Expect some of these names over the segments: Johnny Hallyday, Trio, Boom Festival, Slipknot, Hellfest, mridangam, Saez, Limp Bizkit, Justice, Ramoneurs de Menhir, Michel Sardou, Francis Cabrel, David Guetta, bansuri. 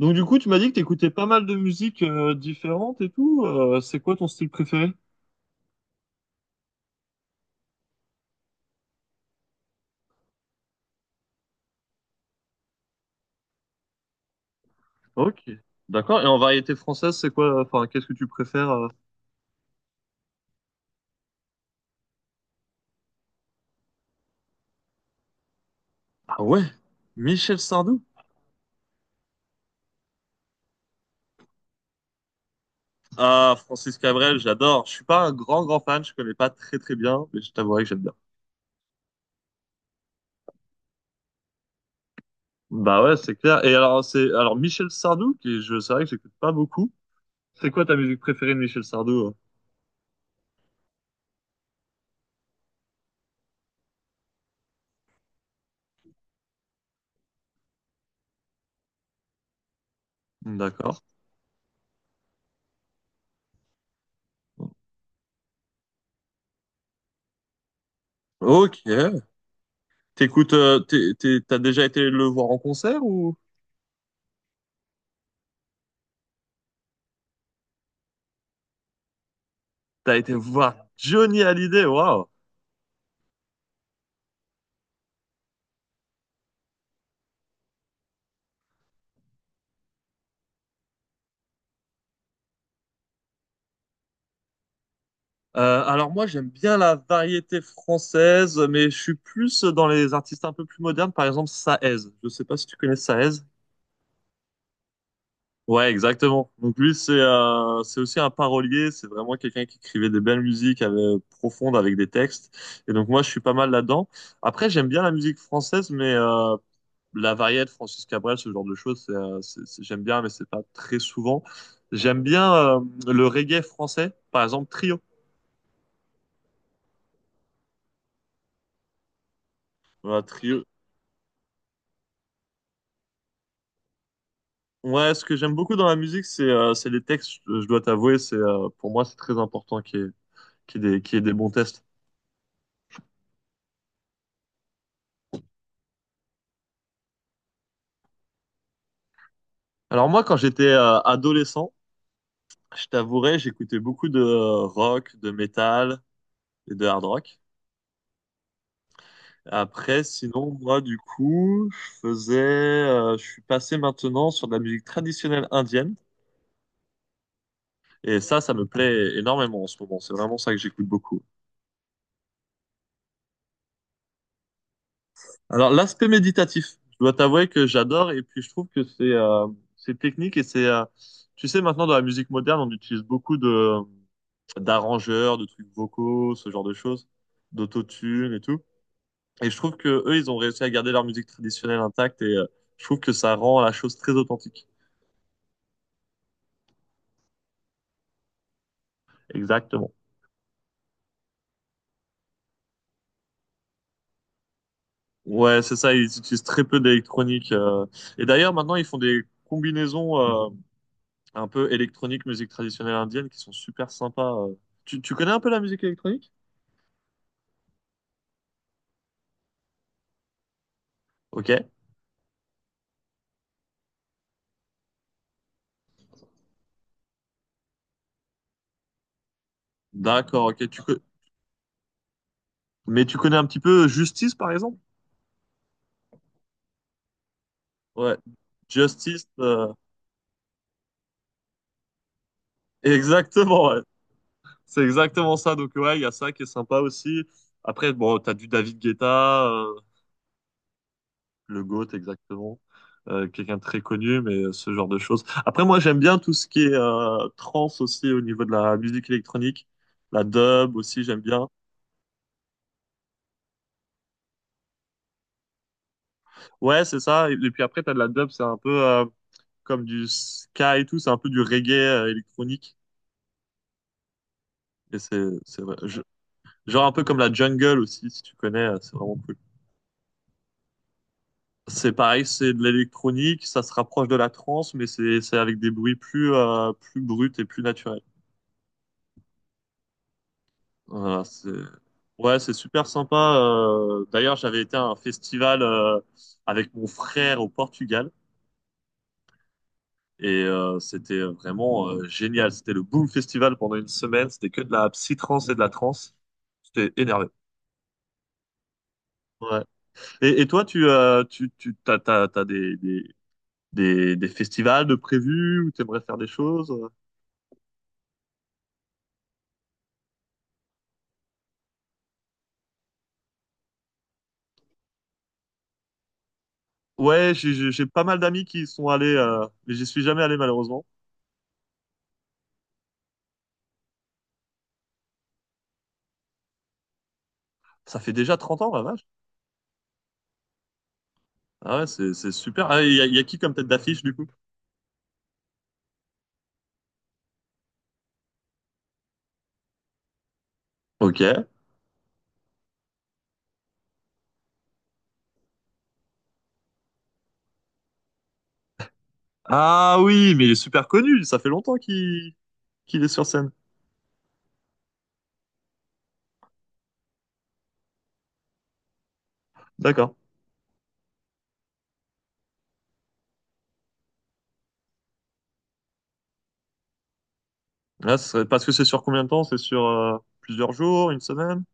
Donc du coup, tu m'as dit que t'écoutais pas mal de musiques différentes et tout. C'est quoi ton style préféré? Ok, d'accord. Et en variété française, c'est quoi? Enfin, qu'est-ce que tu préfères? Ah ouais, Michel Sardou. Ah, Francis Cabrel, j'adore. Je suis pas un grand grand fan, je connais pas très très bien, mais je t'avouerai que j'aime bien. Bah ouais, c'est clair. Et alors Michel Sardou, qui je c'est vrai que j'écoute pas beaucoup. C'est quoi ta musique préférée de Michel Sardou? D'accord. Ok. T'écoutes, t'as déjà été le voir en concert ou? T'as été voir Johnny Hallyday, waouh! Alors moi j'aime bien la variété française, mais je suis plus dans les artistes un peu plus modernes, par exemple Saez. Je sais pas si tu connais Saez. Ouais, exactement. Donc lui c'est aussi un parolier, c'est vraiment quelqu'un qui écrivait des belles musiques profondes avec des textes. Et donc moi je suis pas mal là-dedans. Après j'aime bien la musique française, mais la variété Francis Cabrel, ce genre de choses, j'aime bien, mais c'est pas très souvent. J'aime bien le reggae français, par exemple Trio. Voilà, trio. Ouais, ce que j'aime beaucoup dans la musique, c'est les textes, je dois t'avouer, c'est pour moi c'est très important qu'il y ait des bons textes. Alors moi, quand j'étais adolescent, je t'avouerais, j'écoutais beaucoup de rock, de métal et de hard rock. Après, sinon, moi, du coup, je suis passé maintenant sur de la musique traditionnelle indienne. Et ça me plaît énormément en ce moment. C'est vraiment ça que j'écoute beaucoup. Alors, l'aspect méditatif, je dois t'avouer que j'adore et puis je trouve que c'est technique et c'est tu sais maintenant dans la musique moderne, on utilise beaucoup de d'arrangeurs, de trucs vocaux, ce genre de choses, d'autotune et tout. Et je trouve que eux, ils ont réussi à garder leur musique traditionnelle intacte et je trouve que ça rend la chose très authentique. Exactement. Ouais, c'est ça, ils utilisent très peu d'électronique. Et d'ailleurs, maintenant, ils font des combinaisons un peu électronique, musique traditionnelle indienne qui sont super sympas. Tu connais un peu la musique électronique? Ok, d'accord, ok. Mais tu connais un petit peu Justice, par exemple? Ouais, Justice, exactement, ouais. C'est exactement ça. Donc, ouais, il y a ça qui est sympa aussi. Après, bon, t'as du David Guetta, le GOAT, exactement. Quelqu'un de très connu, mais ce genre de choses. Après, moi, j'aime bien tout ce qui est trance aussi au niveau de la musique électronique. La dub aussi, j'aime bien. Ouais, c'est ça. Et puis après, t'as de la dub, c'est un peu comme du ska et tout, c'est un peu du reggae électronique. Et c'est vrai. Genre un peu comme la jungle aussi, si tu connais, c'est vraiment cool. C'est pareil, c'est de l'électronique, ça se rapproche de la trance, mais c'est avec des bruits plus bruts et plus naturels. Voilà, c'est super sympa. D'ailleurs, j'avais été à un festival avec mon frère au Portugal et c'était vraiment génial. C'était le Boom Festival pendant une semaine. C'était que de la psy-trance et de la trance. C'était énervé. Ouais. Et toi, tu, tu, tu t'as, t'as, t'as des festivals de prévus où tu aimerais faire des choses? Ouais, j'ai pas mal d'amis qui y sont allés, mais j'y suis jamais allé malheureusement. Ça fait déjà 30 ans, la vache. Ah ouais, c'est super. Ah, il y a qui comme tête d'affiche du coup? Ok. Ah oui, mais il est super connu. Ça fait longtemps qu'il qu'il est sur scène. D'accord. Parce que c'est sur combien de temps? C'est sur plusieurs jours, une semaine?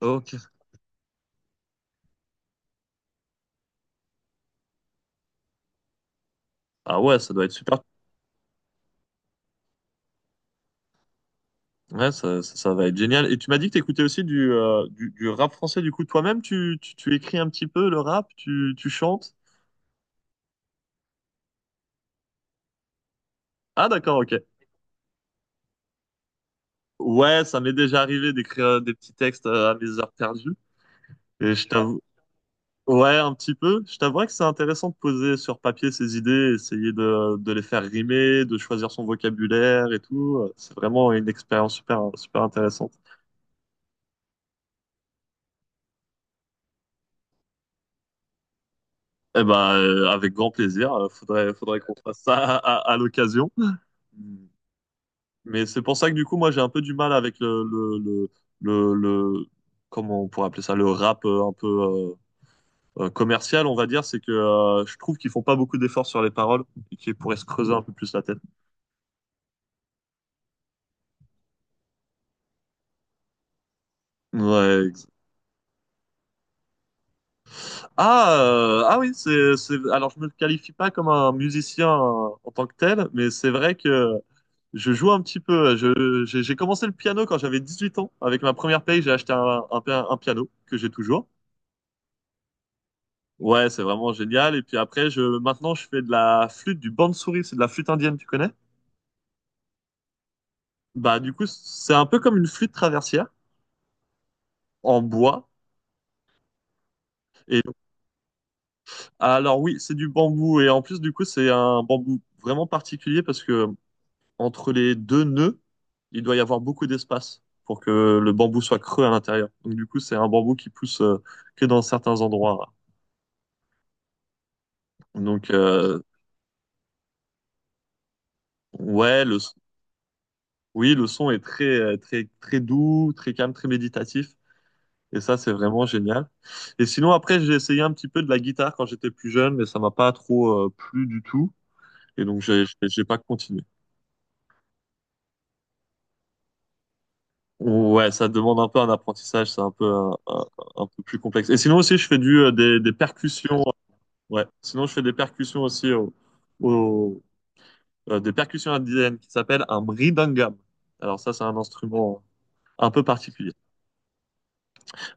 Ok. Ah ouais, ça doit être super. Ouais, ça va être génial. Et tu m'as dit que t'écoutais aussi du rap français. Du coup, toi-même, tu écris un petit peu le rap, tu chantes. Ah, d'accord, ok. Ouais, ça m'est déjà arrivé d'écrire des petits textes à mes heures perdues. Et je Ouais. t'avoue, ouais, un petit peu. Je t'avouerais que c'est intéressant de poser sur papier ses idées, essayer de les faire rimer, de choisir son vocabulaire et tout. C'est vraiment une expérience super, super intéressante. Eh ben, avec grand plaisir. Faudrait qu'on fasse ça à l'occasion. Mais c'est pour ça que du coup, moi, j'ai un peu du mal avec le, le- comment on pourrait appeler ça, le rap un peu commercial, on va dire. C'est que je trouve qu'ils font pas beaucoup d'efforts sur les paroles et qu'ils pourraient se creuser un peu plus la tête. Ouais. ex- Ah, oui, alors je me qualifie pas comme un musicien en tant que tel, mais c'est vrai que je joue un petit peu. Je, j'ai commencé le piano quand j'avais 18 ans. Avec ma première paye, j'ai acheté un piano que j'ai toujours. Ouais, c'est vraiment génial. Et puis après, je fais de la flûte, du bansuri, c'est de la flûte indienne, tu connais? Bah, du coup, c'est un peu comme une flûte traversière en bois. Et alors, oui, c'est du bambou. Et en plus, du coup, c'est un bambou vraiment particulier parce que entre les deux nœuds, il doit y avoir beaucoup d'espace pour que le bambou soit creux à l'intérieur. Donc, du coup, c'est un bambou qui pousse que dans certains endroits. Donc, euh, ouais, le, oui, le son est très, très doux, très calme, très méditatif. Et ça, c'est vraiment génial. Et sinon, après, j'ai essayé un petit peu de la guitare quand j'étais plus jeune, mais ça m'a pas trop plu du tout. Et donc, j'ai pas continué. Ouais, ça demande un peu un apprentissage, c'est un peu plus complexe. Et sinon aussi, je fais du des percussions. Ouais, sinon je fais des percussions aussi au- des percussions indiennes qui s'appellent un mridangam. Alors ça, c'est un instrument un peu particulier.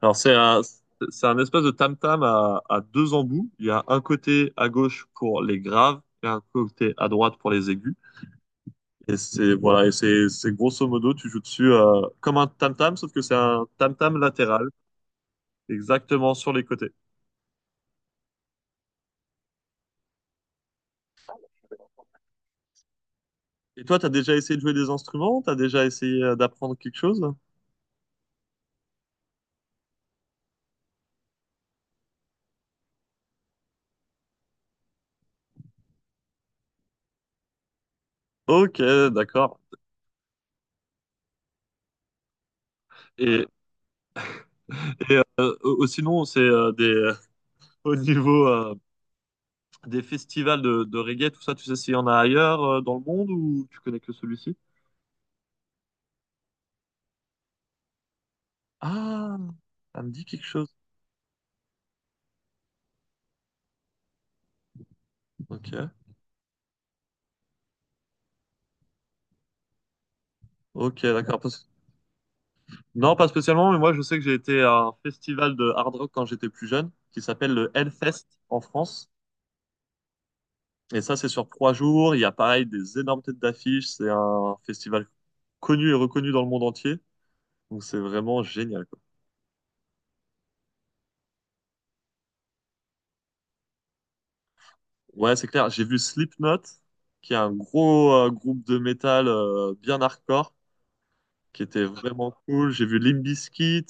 Alors, c'est un espèce de tam-tam à deux embouts. Il y a un côté à gauche pour les graves et un côté à droite pour les aigus. Et c'est, voilà, et C'est grosso modo, tu joues dessus comme un tam-tam, sauf que c'est un tam-tam latéral, exactement sur les côtés. Et toi, t'as déjà essayé de jouer des instruments? T'as déjà essayé d'apprendre quelque chose? Ok, d'accord. Et sinon, au niveau des festivals de reggae, tout ça, tu sais s'il y en a ailleurs dans le monde ou tu connais que celui-ci? Ah, ça me dit quelque chose. Ok, ok, d'accord. Non, pas spécialement, mais moi je sais que j'ai été à un festival de hard rock quand j'étais plus jeune, qui s'appelle le Hellfest en France. Et ça, c'est sur 3 jours. Il y a pareil des énormes têtes d'affiche. C'est un festival connu et reconnu dans le monde entier. Donc c'est vraiment génial, quoi. Ouais, c'est clair. J'ai vu Slipknot, qui est un gros groupe de métal bien hardcore, qui était vraiment cool. J'ai vu Limp Bizkit.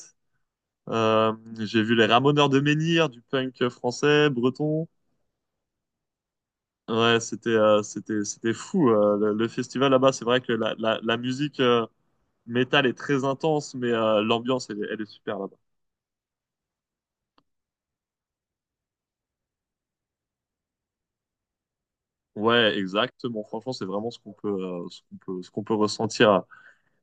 Euh, j'ai vu les Ramoneurs de Menhir, du punk français, breton. Ouais, c'était fou. Le festival là-bas, c'est vrai que la musique métal est très intense, mais l'ambiance elle est super là-bas. Ouais, exactement. Franchement, c'est vraiment ce qu'on peut ressentir.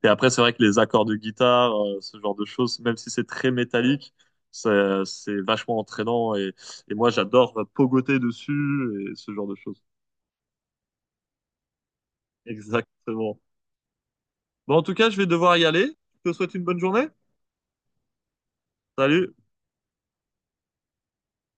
Et après, c'est vrai que les accords de guitare, ce genre de choses, même si c'est très métallique, c'est vachement entraînant. Et moi, j'adore pogoter dessus et ce genre de choses. Exactement. Bon, en tout cas, je vais devoir y aller. Je te souhaite une bonne journée. Salut.